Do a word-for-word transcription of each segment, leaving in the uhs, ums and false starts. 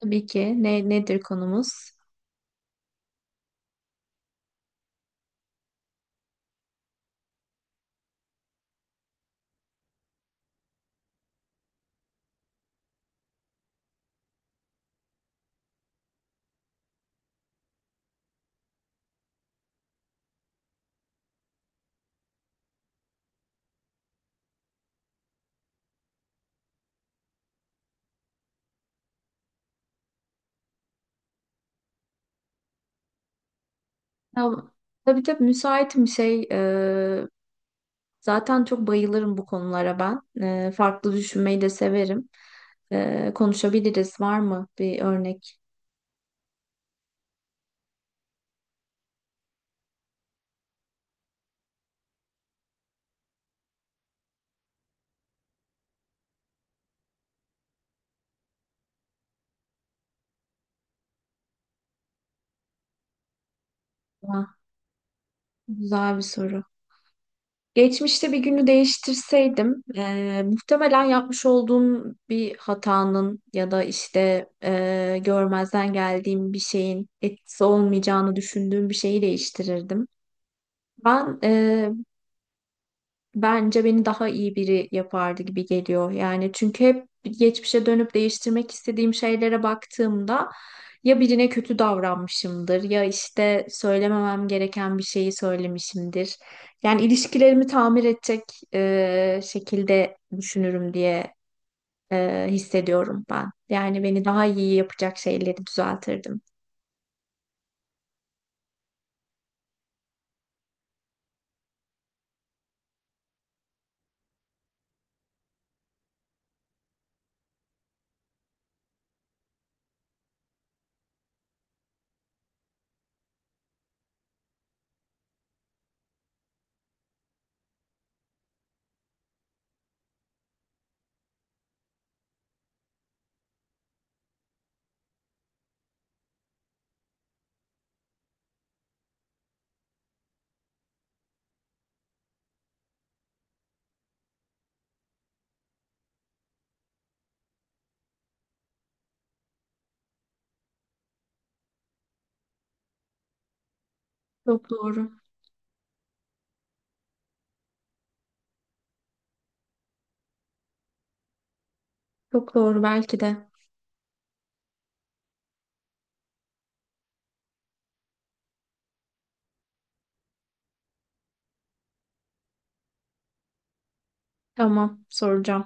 Tabii ki. Ne, nedir konumuz? Ya, tabii tabii müsaitim şey. e, Zaten çok bayılırım bu konulara ben. E, farklı düşünmeyi de severim. E, konuşabiliriz. Var mı bir örnek? Ha, güzel bir soru. Geçmişte bir günü değiştirseydim, e, muhtemelen yapmış olduğum bir hatanın ya da işte e, görmezden geldiğim bir şeyin etkisi olmayacağını düşündüğüm bir şeyi değiştirirdim. Ben e, Bence beni daha iyi biri yapardı gibi geliyor. Yani çünkü hep geçmişe dönüp değiştirmek istediğim şeylere baktığımda ya birine kötü davranmışımdır ya işte söylememem gereken bir şeyi söylemişimdir. Yani ilişkilerimi tamir edecek e, şekilde düşünürüm diye e, hissediyorum ben. Yani beni daha iyi yapacak şeyleri düzeltirdim. Çok doğru. Çok doğru belki de. Tamam, soracağım.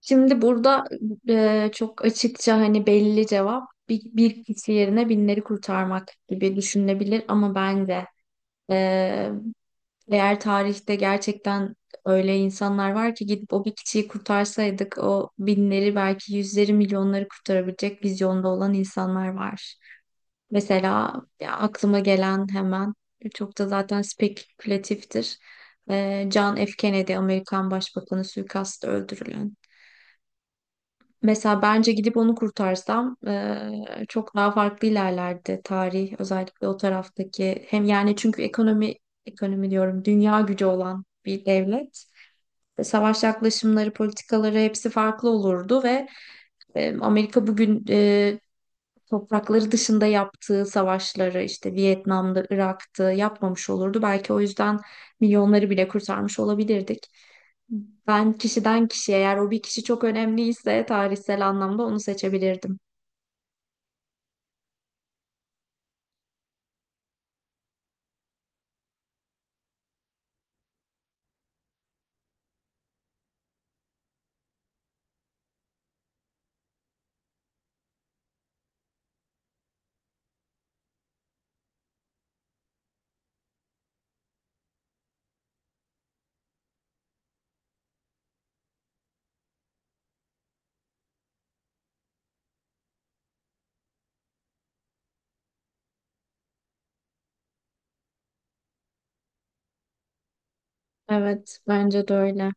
Şimdi burada e, çok açıkça hani belli cevap bir, bir kişi yerine binleri kurtarmak gibi düşünülebilir, ama bence e, eğer tarihte gerçekten öyle insanlar var ki, gidip o bir kişiyi kurtarsaydık, o binleri, belki yüzleri, milyonları kurtarabilecek vizyonda olan insanlar var. Mesela ya, aklıma gelen hemen, çok da zaten spekülatiftir. E, John F. Kennedy, Amerikan Başbakanı, suikastla öldürülen. Mesela bence gidip onu kurtarsam, eee, çok daha farklı ilerlerdi tarih, özellikle o taraftaki hem, yani çünkü ekonomi, ekonomi diyorum, dünya gücü olan bir devlet. E, savaş yaklaşımları, politikaları, hepsi farklı olurdu ve eee, Amerika bugün eee, toprakları dışında yaptığı savaşları, işte Vietnam'da, Irak'ta, yapmamış olurdu belki. O yüzden milyonları bile kurtarmış olabilirdik. Ben kişiden kişiye, eğer o bir kişi çok önemliyse tarihsel anlamda, onu seçebilirdim. Evet, bence de öyle.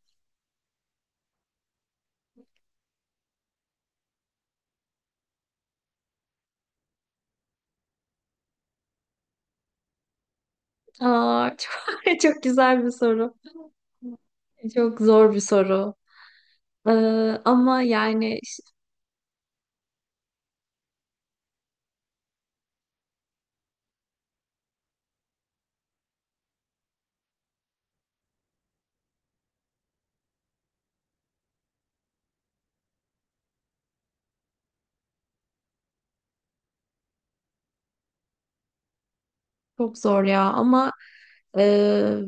Aa, çok, çok güzel bir soru. Çok zor bir soru. Ee, Ama yani, çok zor ya, ama e,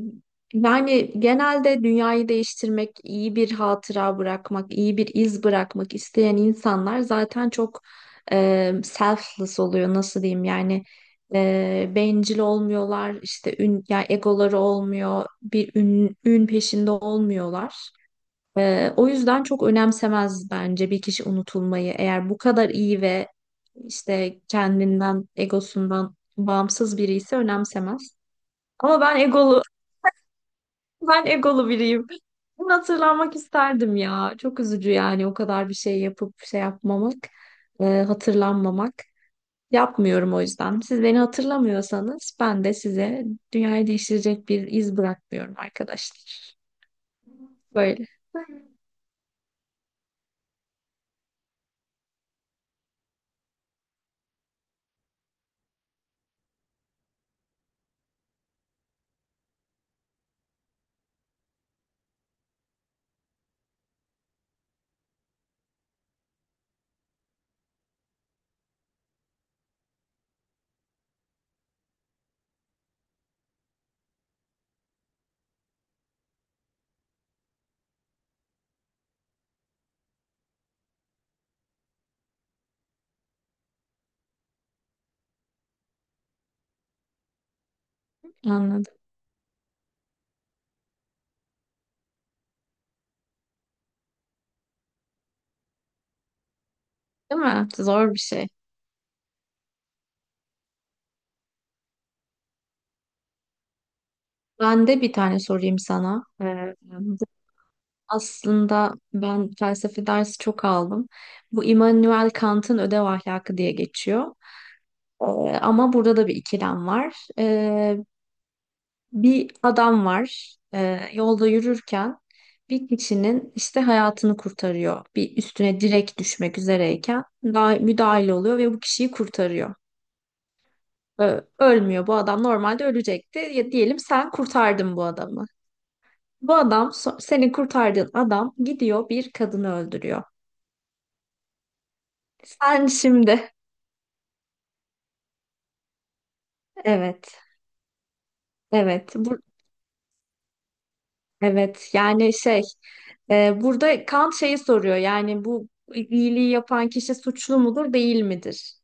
yani genelde dünyayı değiştirmek, iyi bir hatıra bırakmak, iyi bir iz bırakmak isteyen insanlar zaten çok e, selfless oluyor, nasıl diyeyim yani, e, bencil olmuyorlar, işte ün, yani egoları olmuyor, bir ün, ün peşinde olmuyorlar. Ee, o yüzden çok önemsemez bence bir kişi unutulmayı. Eğer bu kadar iyi ve işte kendinden, egosundan bağımsız biri ise, önemsemez. Ama ben egolu, ben egolu biriyim. Bunu, hatırlanmak isterdim ya. Çok üzücü yani, o kadar bir şey yapıp şey yapmamak, e, hatırlanmamak. Yapmıyorum o yüzden. Siz beni hatırlamıyorsanız, ben de size dünyayı değiştirecek bir iz bırakmıyorum arkadaşlar. Böyle anladım. Değil mi? Zor bir şey. Ben de bir tane sorayım sana. Ee, bu, aslında ben felsefe dersi çok aldım. Bu Immanuel Kant'ın Ödev Ahlakı diye geçiyor. Ee, Ama burada da bir ikilem var. Ee, bir adam var. Ee, yolda yürürken bir kişinin işte hayatını kurtarıyor. Bir üstüne direkt düşmek üzereyken daha müdahil oluyor ve bu kişiyi kurtarıyor. Ee, ölmüyor. Bu adam normalde ölecekti. Ya diyelim sen kurtardın bu adamı. Bu adam, so- seni kurtardığın adam, gidiyor bir kadını öldürüyor. Sen şimdi, evet, evet, bu, evet. Yani şey, e, burada Kant şeyi soruyor. Yani bu iyiliği yapan kişi suçlu mudur, değil midir?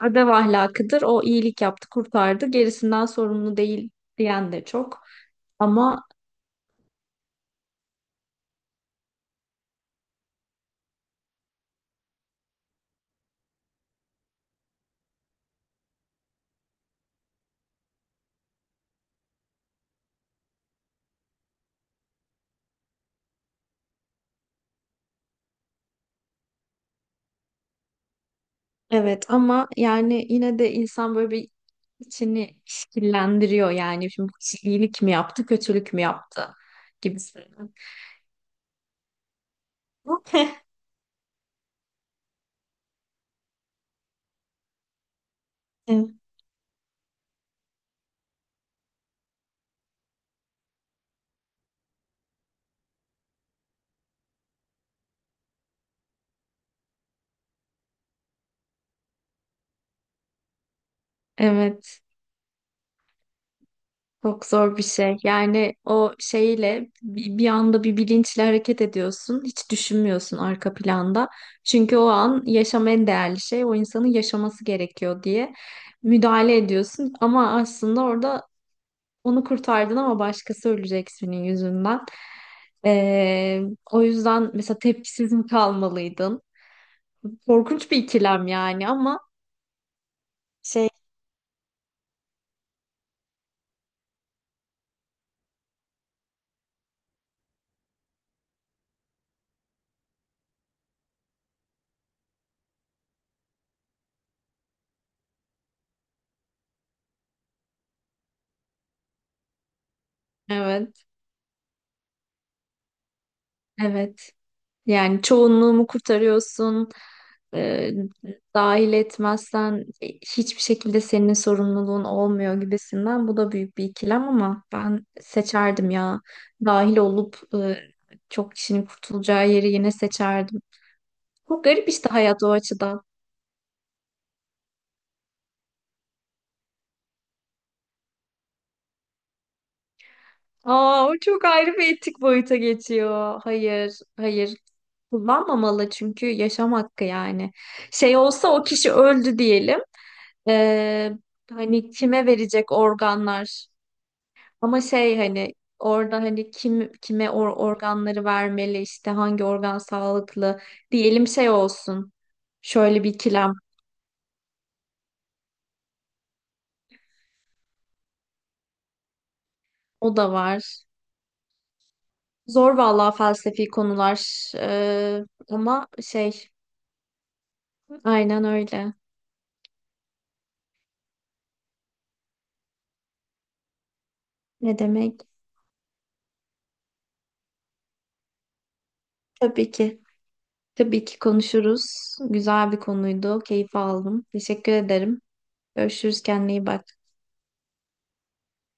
Adev ahlakıdır. O iyilik yaptı, kurtardı. Gerisinden sorumlu değil diyen de çok. Ama evet, ama yani yine de insan böyle bir içini şekillendiriyor. Yani şimdi iyilik mi yaptı, kötülük mü yaptı gibi. Evet, evet. Çok zor bir şey. Yani o şeyle, bi- bir anda bir bilinçle hareket ediyorsun. Hiç düşünmüyorsun arka planda. Çünkü o an yaşam en değerli şey. O insanın yaşaması gerekiyor diye müdahale ediyorsun. Ama aslında orada onu kurtardın, ama başkası ölecek senin yüzünden. Ee, O yüzden mesela tepkisiz mi kalmalıydın? Korkunç bir ikilem yani, ama şey. Evet, evet. Yani çoğunluğumu kurtarıyorsun. e, Dahil etmezsen hiçbir şekilde senin sorumluluğun olmuyor gibisinden. Bu da büyük bir ikilem, ama ben seçerdim ya. Dahil olup e, çok kişinin kurtulacağı yeri yine seçerdim. Çok garip işte hayat o açıdan. Aa, o çok ayrı bir etik boyuta geçiyor. Hayır, hayır. Kullanmamalı, çünkü yaşam hakkı yani. Şey olsa, o kişi öldü diyelim. Ee, Hani kime verecek organlar? Ama şey, hani orada hani kim kime or organları vermeli, işte hangi organ sağlıklı diyelim, şey olsun. Şöyle bir ikilem o da var. Zor vallahi felsefi konular. Ee, ama şey, aynen öyle. Ne demek? Tabii ki. Tabii ki konuşuruz. Güzel bir konuydu. Keyif aldım. Teşekkür ederim. Görüşürüz. Kendine iyi bak.